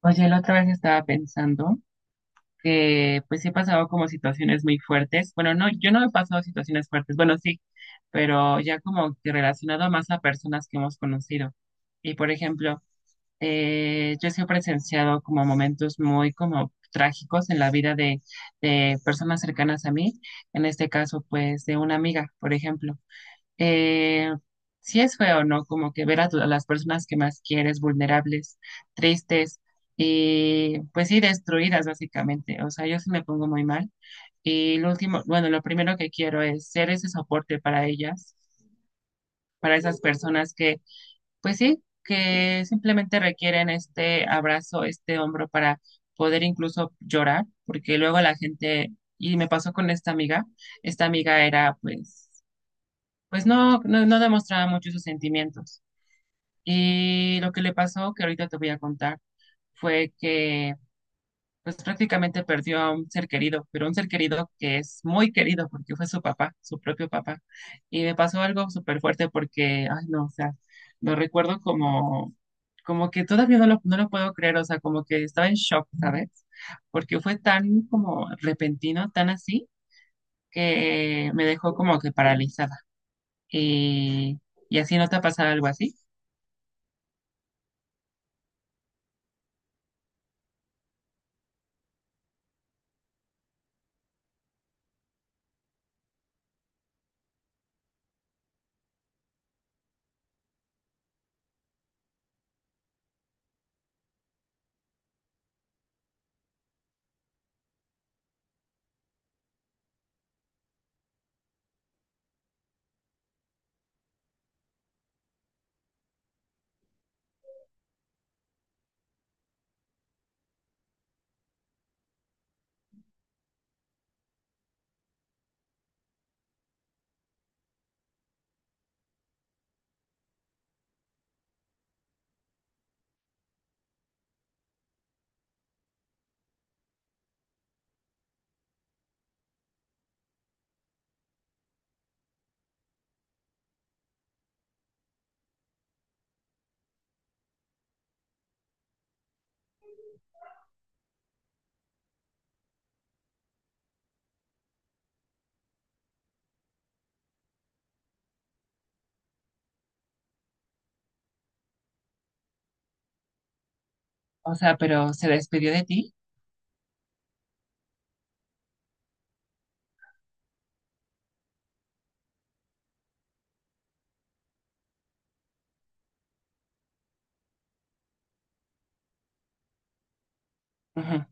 Oye, la otra vez estaba pensando que pues sí he pasado como situaciones muy fuertes. Bueno, no, yo no he pasado situaciones fuertes, bueno, sí, pero ya como que relacionado más a personas que hemos conocido. Y por ejemplo, yo sí he presenciado como momentos muy como trágicos en la vida de personas cercanas a mí, en este caso pues de una amiga, por ejemplo eh, sí es feo, ¿no? Como que ver a las personas que más quieres vulnerables, tristes y pues sí destruidas básicamente. O sea, yo sí me pongo muy mal. Y lo último, bueno, lo primero que quiero es ser ese soporte para ellas, para esas personas que, pues sí, que simplemente requieren este abrazo, este hombro para poder incluso llorar, porque luego la gente, y me pasó con esta amiga era pues pues no demostraba mucho sus sentimientos. Y lo que le pasó, que ahorita te voy a contar, fue que pues prácticamente perdió a un ser querido, pero un ser querido que es muy querido porque fue su papá, su propio papá. Y me pasó algo súper fuerte porque, ay no, o sea, lo recuerdo como, como que todavía no lo puedo creer, o sea, como que estaba en shock, ¿sabes? Porque fue tan como repentino, tan así, que me dejó como que paralizada. Y, y así no te ha pasado algo así. O sea, pero se despidió de ti. Ujú.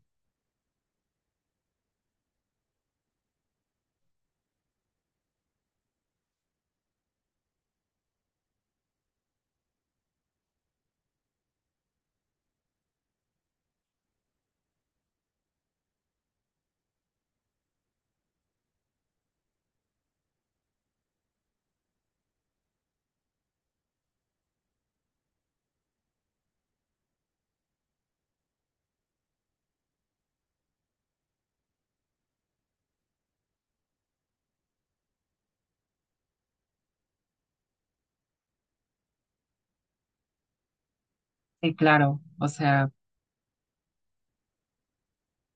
Sí, claro. O sea,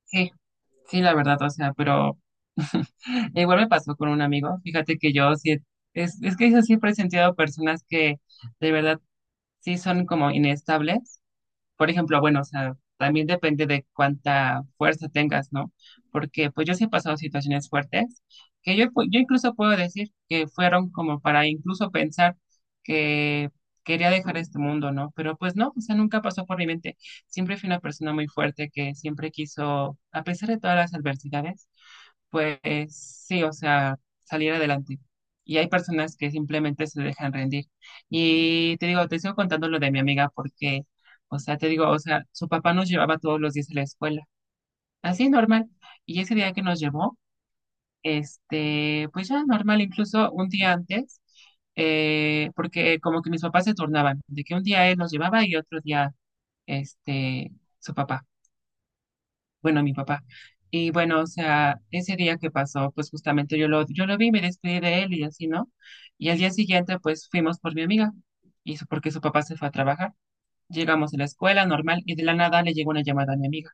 sí, sí, la verdad. O sea, pero igual me pasó con un amigo. Fíjate que yo sí, es que yo siempre he sentido personas que de verdad sí son como inestables. Por ejemplo, bueno, o sea, también depende de cuánta fuerza tengas, ¿no? Porque pues yo sí he pasado situaciones fuertes que yo incluso puedo decir que fueron como para incluso pensar que quería dejar este mundo, ¿no? Pero pues no, o sea, nunca pasó por mi mente. Siempre fui una persona muy fuerte que siempre quiso, a pesar de todas las adversidades, pues sí, o sea, salir adelante. Y hay personas que simplemente se dejan rendir. Y te digo, te sigo contando lo de mi amiga porque o sea, te digo, o sea, su papá nos llevaba todos los días a la escuela, así normal. Y ese día que nos llevó, este, pues ya normal, incluso un día antes, porque como que mis papás se turnaban, de que un día él nos llevaba y otro día, este, su papá, bueno, mi papá. Y bueno, o sea, ese día que pasó, pues justamente yo lo vi, me despedí de él y así, ¿no? Y al día siguiente, pues fuimos por mi amiga, y porque su papá se fue a trabajar. Llegamos a la escuela normal y de la nada le llegó una llamada a mi amiga.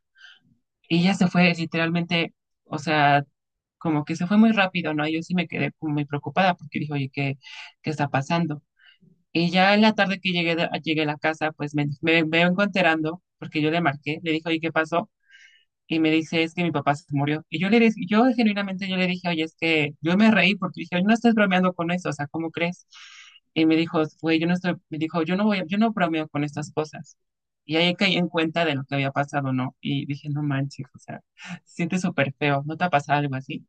Y ella se fue literalmente, o sea, como que se fue muy rápido, ¿no? Yo sí me quedé como muy preocupada porque dije, oye, ¿qué está pasando? Y ya en la tarde que llegué, llegué a la casa, pues me vengo enterando, porque yo le marqué, le dije, oye, ¿qué pasó? Y me dice, es que mi papá se murió. Y yo le dije, yo genuinamente yo le dije, oye, es que yo me reí porque dije, no estás bromeando con eso, o sea, ¿cómo crees? Y me dijo, güey, yo no estoy, me dijo, yo no voy, yo no bromeo con estas cosas. Y ahí caí en cuenta de lo que había pasado, ¿no? Y dije, no manches, o sea, se siente súper feo, ¿no te ha pasado algo así?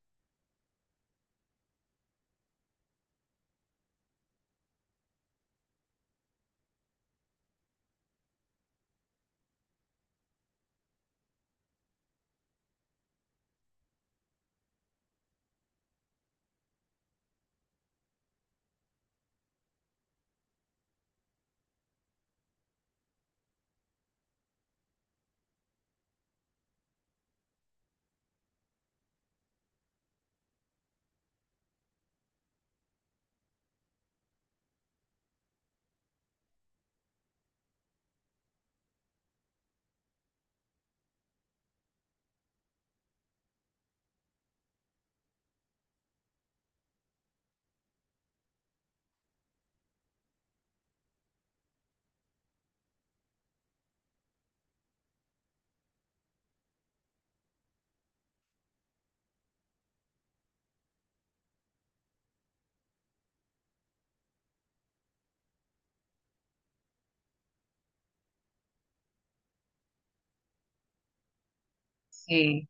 Sí.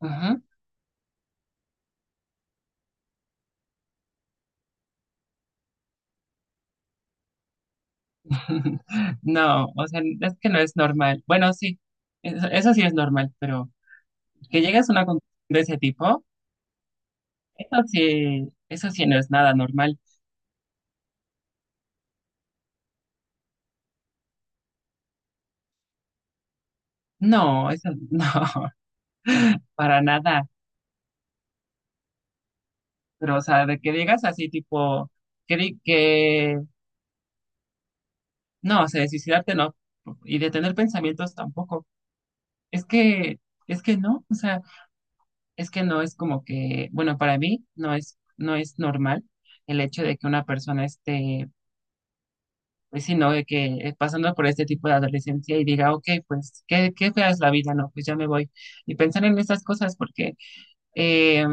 Ajá. No, o sea, es que no es normal. Bueno, sí, eso sí es normal, pero que llegues a una conclusión de ese tipo, eso sí no es nada normal. No, eso no, para nada. Pero, o sea, de que digas así, tipo, que no, o sea, de suicidarte no, y de tener pensamientos tampoco. Es que, es que no, o sea, es que no es como que, bueno, para mí no es normal el hecho de que una persona esté, pues sí, no, de que pasando por este tipo de adolescencia y diga, ok, pues, qué fea es la vida, no, pues ya me voy. Y pensar en estas cosas porque, eh,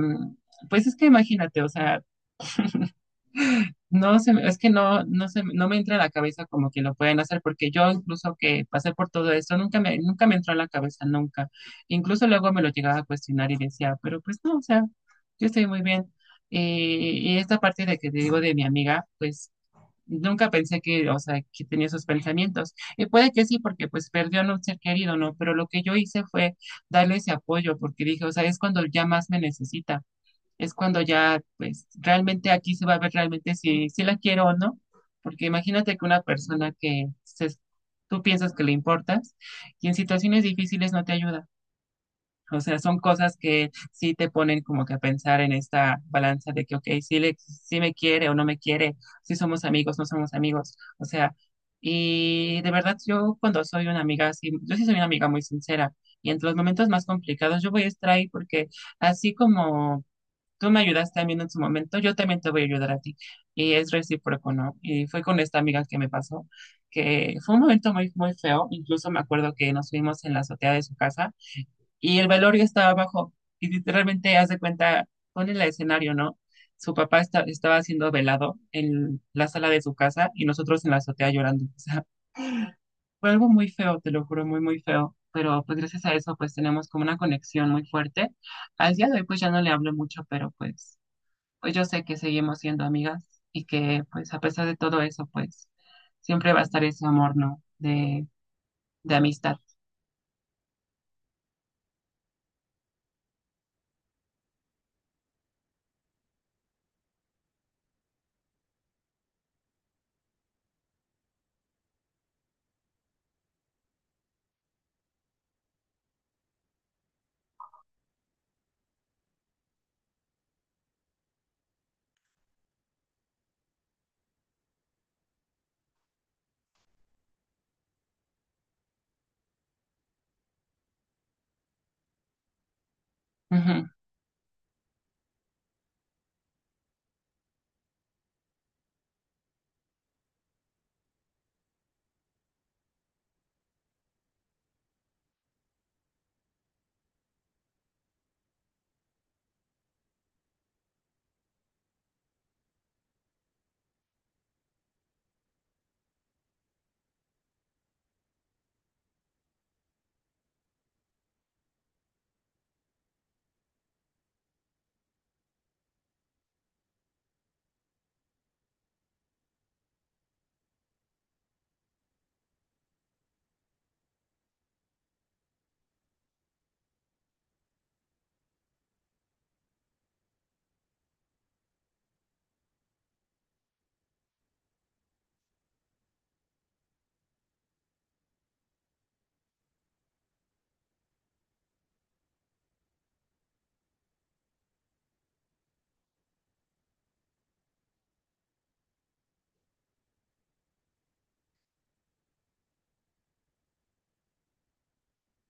pues es que imagínate, o sea, no, es que no me entra en la cabeza como que lo pueden hacer, porque yo incluso que pasé por todo esto, nunca me entró en la cabeza, nunca. Incluso luego me lo llegaba a cuestionar y decía, pero pues no, o sea, yo estoy muy bien. Y esta parte de que te digo de mi amiga, pues nunca pensé que, o sea, que tenía esos pensamientos. Y puede que sí, porque pues perdió a un ser querido, ¿no? Pero lo que yo hice fue darle ese apoyo, porque dije, o sea, es cuando ya más me necesita es cuando ya, pues, realmente aquí se va a ver realmente si la quiero o no. Porque imagínate que una persona que tú piensas que le importas y en situaciones difíciles no te ayuda. O sea, son cosas que sí te ponen como que a pensar en esta balanza de que, ok, si me quiere o no me quiere, si somos amigos, no somos amigos. O sea, y de verdad yo cuando soy una amiga así, yo sí soy una amiga muy sincera. Y entre los momentos más complicados yo voy a estar ahí porque así como tú me ayudaste a mí en su momento, yo también te voy a ayudar a ti. Y es recíproco, ¿no? Y fue con esta amiga que me pasó, que fue un momento muy, muy feo. Incluso me acuerdo que nos fuimos en la azotea de su casa y el velorio estaba abajo. Y literalmente, haz de cuenta, pone el escenario, ¿no? Su papá estaba siendo velado en la sala de su casa y nosotros en la azotea llorando. O sea, fue algo muy feo, te lo juro, muy, muy feo. Pero pues gracias a eso, pues tenemos como una conexión muy fuerte. Al día de hoy, pues ya no le hablo mucho, pero pues pues yo sé que seguimos siendo amigas y que pues a pesar de todo eso, pues siempre va a estar ese amor, ¿no? De amistad. Ujú.